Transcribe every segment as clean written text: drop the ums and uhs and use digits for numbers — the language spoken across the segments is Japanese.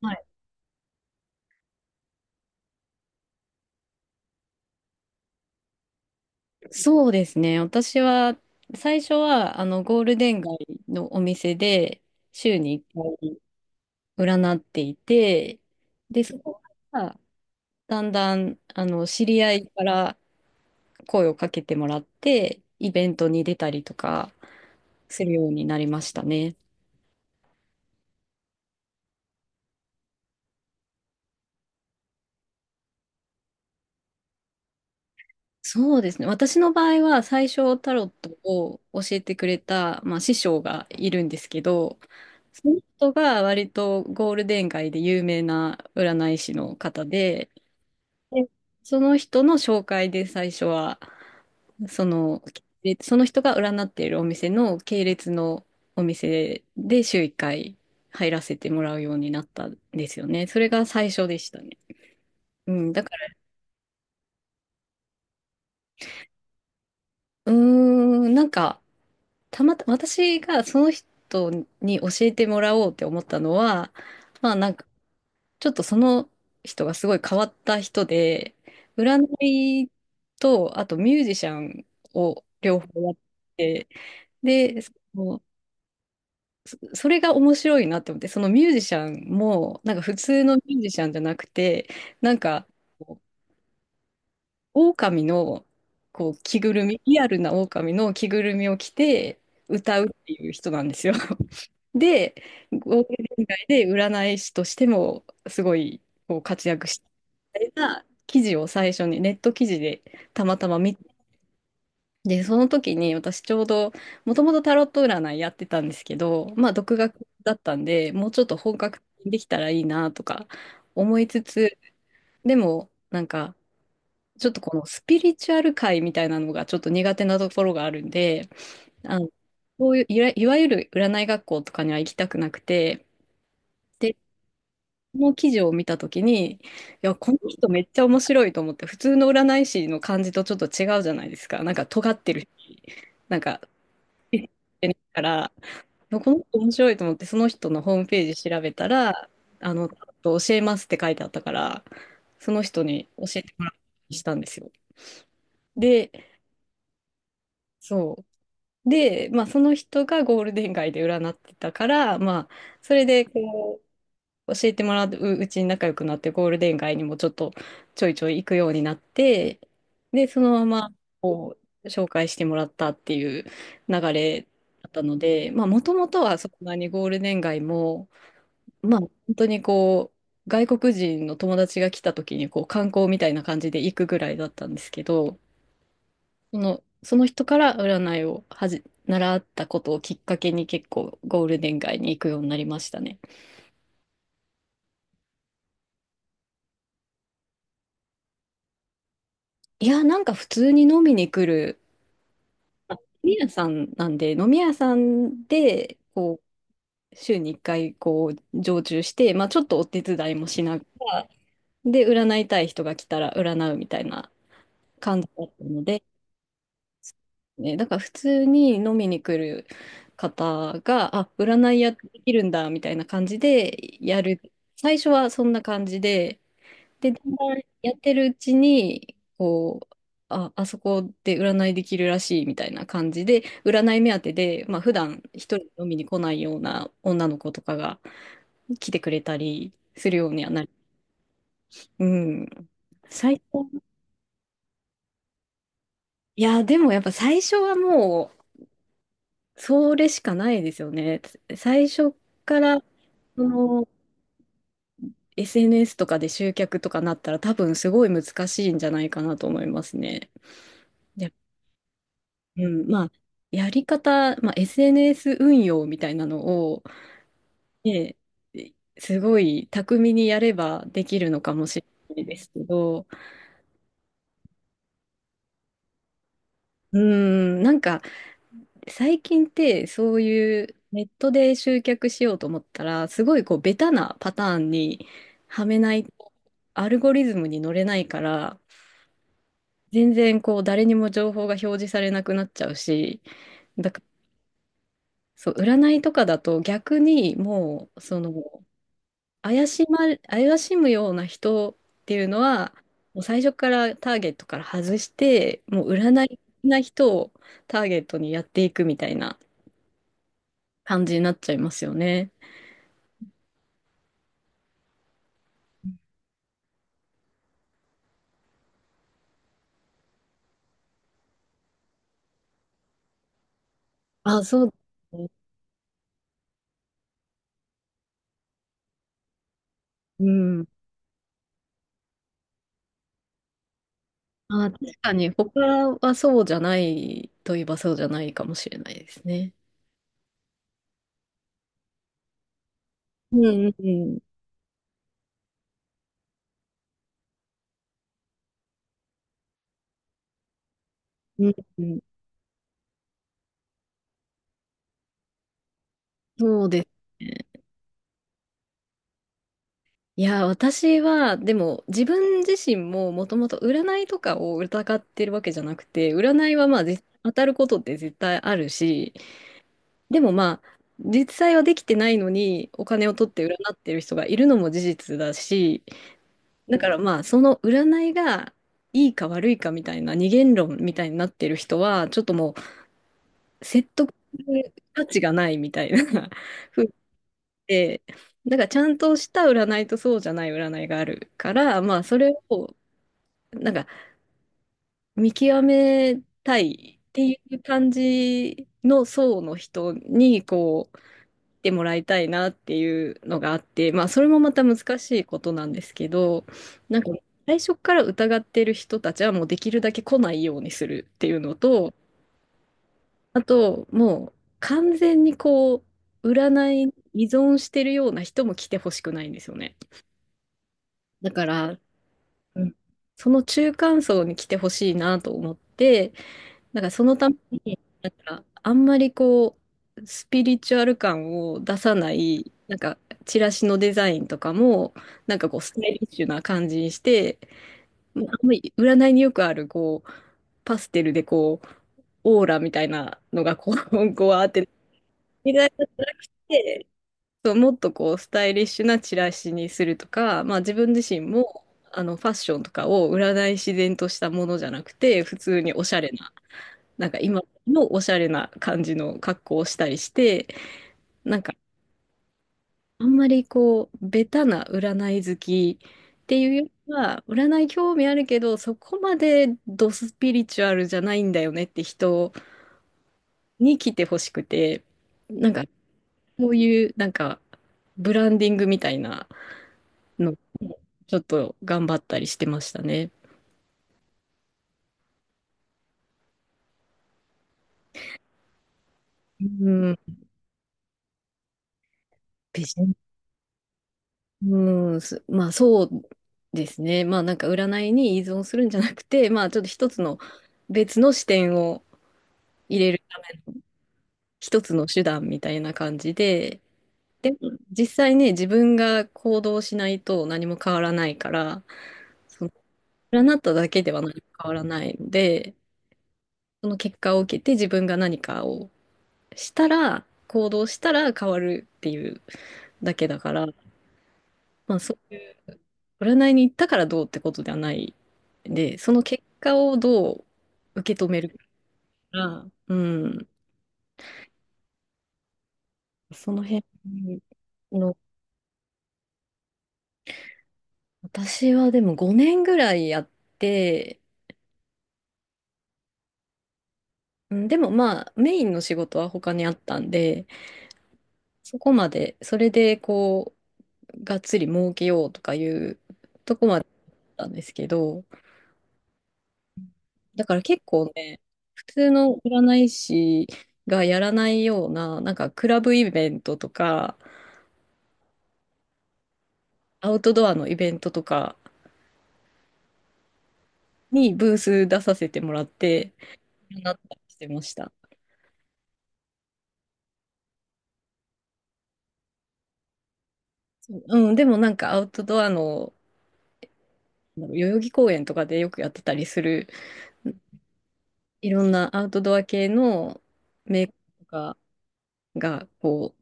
はい、そうですね。私は、最初は、ゴールデン街のお店で、週に1回占っていて、で、そこから、だんだん、知り合いから声をかけてもらって、イベントに出たりとかするようになりましたね。そうですね。私の場合は最初タロットを教えてくれた、師匠がいるんですけど、その人が割とゴールデン街で有名な占い師の方で、でその人の紹介で最初は、その、でその人が占っているお店の系列のお店で週1回入らせてもらうようになったんですよね。それが最初でしたね。うん、だから、うーなんか、たまた、私がその人に教えてもらおうって思ったのは、まあなんか、ちょっとその人がすごい変わった人で、占いと、あとミュージシャンを両方やって、で、それが面白いなって思って、そのミュージシャンも、なんか普通のミュージシャンじゃなくて、なんか、こう狼の、こう、着ぐるみ、リアルな狼の着ぐるみを着て歌うっていう人なんですよ。で、ゴールデン街で占い師としてもすごいこう活躍したみたいな記事を最初にネット記事でたまたま見て、で、その時に私ちょうどもともとタロット占いやってたんですけど、まあ独学だったんで、もうちょっと本格的にできたらいいなとか思いつつ、でもなんかちょっとこのスピリチュアル界みたいなのがちょっと苦手なところがあるんで、あの、こういういわゆる占い学校とかには行きたくなくて、でこの記事を見たときに、いや、この人めっちゃ面白いと思って、普通の占い師の感じとちょっと違うじゃないですか。なんか尖ってるし、なんか、えってるから、いやこの人面白いと思って、その人のホームページ調べたら、教えますって書いてあったから、その人に教えてもらうようにしたんですよ。で、そう。で、まあ、その人がゴールデン街で占ってたから、まあ、それでこう、教えてもらううちに仲良くなって、ゴールデン街にもちょっとちょいちょい行くようになって、で、そのままこう紹介してもらったっていう流れだったので、まあ、もともとはそんなにゴールデン街も、まあ、本当にこう、外国人の友達が来た時にこう観光みたいな感じで行くぐらいだったんですけど、その人から占いを習ったことをきっかけに結構ゴールデン街に行くようになりましたね。いや、なんか普通に飲みに来る飲み屋さんなんで、飲み屋さんで、こう、週に1回、こう、常駐して、まあ、ちょっとお手伝いもしながら、で、占いたい人が来たら占うみたいな感じだったので、ね、だから普通に飲みに来る方が、あ、占いやってできるんだ、みたいな感じでやる。最初はそんな感じで、で、だんだんやってるうちに、こう、あ、あそこで占いできるらしいみたいな感じで、占い目当てで、まあ普段一人で飲みに来ないような女の子とかが来てくれたりするようにはなり、うん。最初、いや、でもやっぱ最初はもう、それしかないですよね。最初から、その、SNS とかで集客とかなったら多分すごい難しいんじゃないかなと思いますね。うん、まあ、やり方、まあ、SNS 運用みたいなのを、ね、すごい巧みにやればできるのかもしれないですけど、うん、なんか最近ってそういうネットで集客しようと思ったら、すごいこうベタなパターンにはめないと、アルゴリズムに乗れないから、全然こう誰にも情報が表示されなくなっちゃうし、だからそう、占いとかだと逆にもうその怪しま、怪しむような人っていうのは、もう最初からターゲットから外して、もう占いな人をターゲットにやっていくみたいな感じになっちゃいますよね。あ、そうですね。うん。あ、確かに、他はそうじゃないといえばそうじゃないかもしれないですね。うんうんうん。うんうん、そうですね。いや、私は、でも、自分自身ももともと占いとかを疑ってるわけじゃなくて、占いはまあ、絶当たることって絶対あるし、でもまあ、実際はできてないのに、お金を取って占ってる人がいるのも事実だし、だからまあ、その占いがいいか悪いかみたいな二元論みたいになってる人は、ちょっともう、説得する価値がないみたいな 風で、なんかちゃんとした占いとそうじゃない占いがあるから、まあそれをなんか見極めたいっていう感じの層の人にこう来てもらいたいなっていうのがあって、まあそれもまた難しいことなんですけど、なんか最初から疑ってる人たちはもうできるだけ来ないようにするっていうのと、あともう完全にこう占いに依存してるような人も来てほしくないんですよね。だから、うんその中間層に来てほしいなと思って、だからそのために、なんかあんまりこう、スピリチュアル感を出さない、なんかチラシのデザインとかも、なんかこう、スタイリッシュな感じにして、まあんまり占いによくある、こう、パステルでこう、オーラみたいなのがこう、こうあって、みたいなのじゃなくて、そう、もっとこうスタイリッシュなチラシにするとか、まあ、自分自身もファッションとかを売らない自然としたものじゃなくて普通におしゃれな今のおしゃれな感じの格好をしたりしてなんかあんまりこうベタな占い好きっていうよりは占い興味あるけどそこまでドスピリチュアルじゃないんだよねって人に来てほしくてなんかこういうなんかブランディングみたいな。ので、ちょっと頑張ったりしてましたね。うん、ビジネスうん、すまあそうですね。まあなんか占いに依存するんじゃなくて、まあちょっと一つの別の視点を入れる一つの手段みたいな感じで、でも実際ね、自分が行動しないと何も変わらないから、その占っただけでは何も変わらないので、その結果を受けて自分が何かをしたら、行動したら変わるっていうだけだから、まあ、そ、占いに行ったからどうってことではないで、その結果をどう受け止めるかが、うん、その辺の、私はでも5年ぐらいやって、うんでもまあ、メインの仕事は他にあったんで、そこまで、それでこう、がっつり儲けようとかいうとこまでだったんですけど、だから結構ね、普通の占い師がやらないような、なんかクラブイベントとか、アウトドアのイベントとかにブース出させてもらって、なったりしてました。そううん、でもなんかアウトドアの、なんだろう代々木公園とかでよくやってたりする、いろんなアウトドア系のメーカーとかが、こ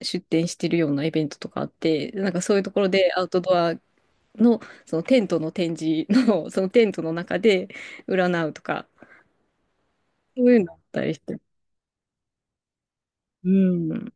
う、出店してるようなイベントとかあって、なんかそういうところでアウトドアのそのテントの展示のそのテントの中で占うとかそういうのあったりして。うん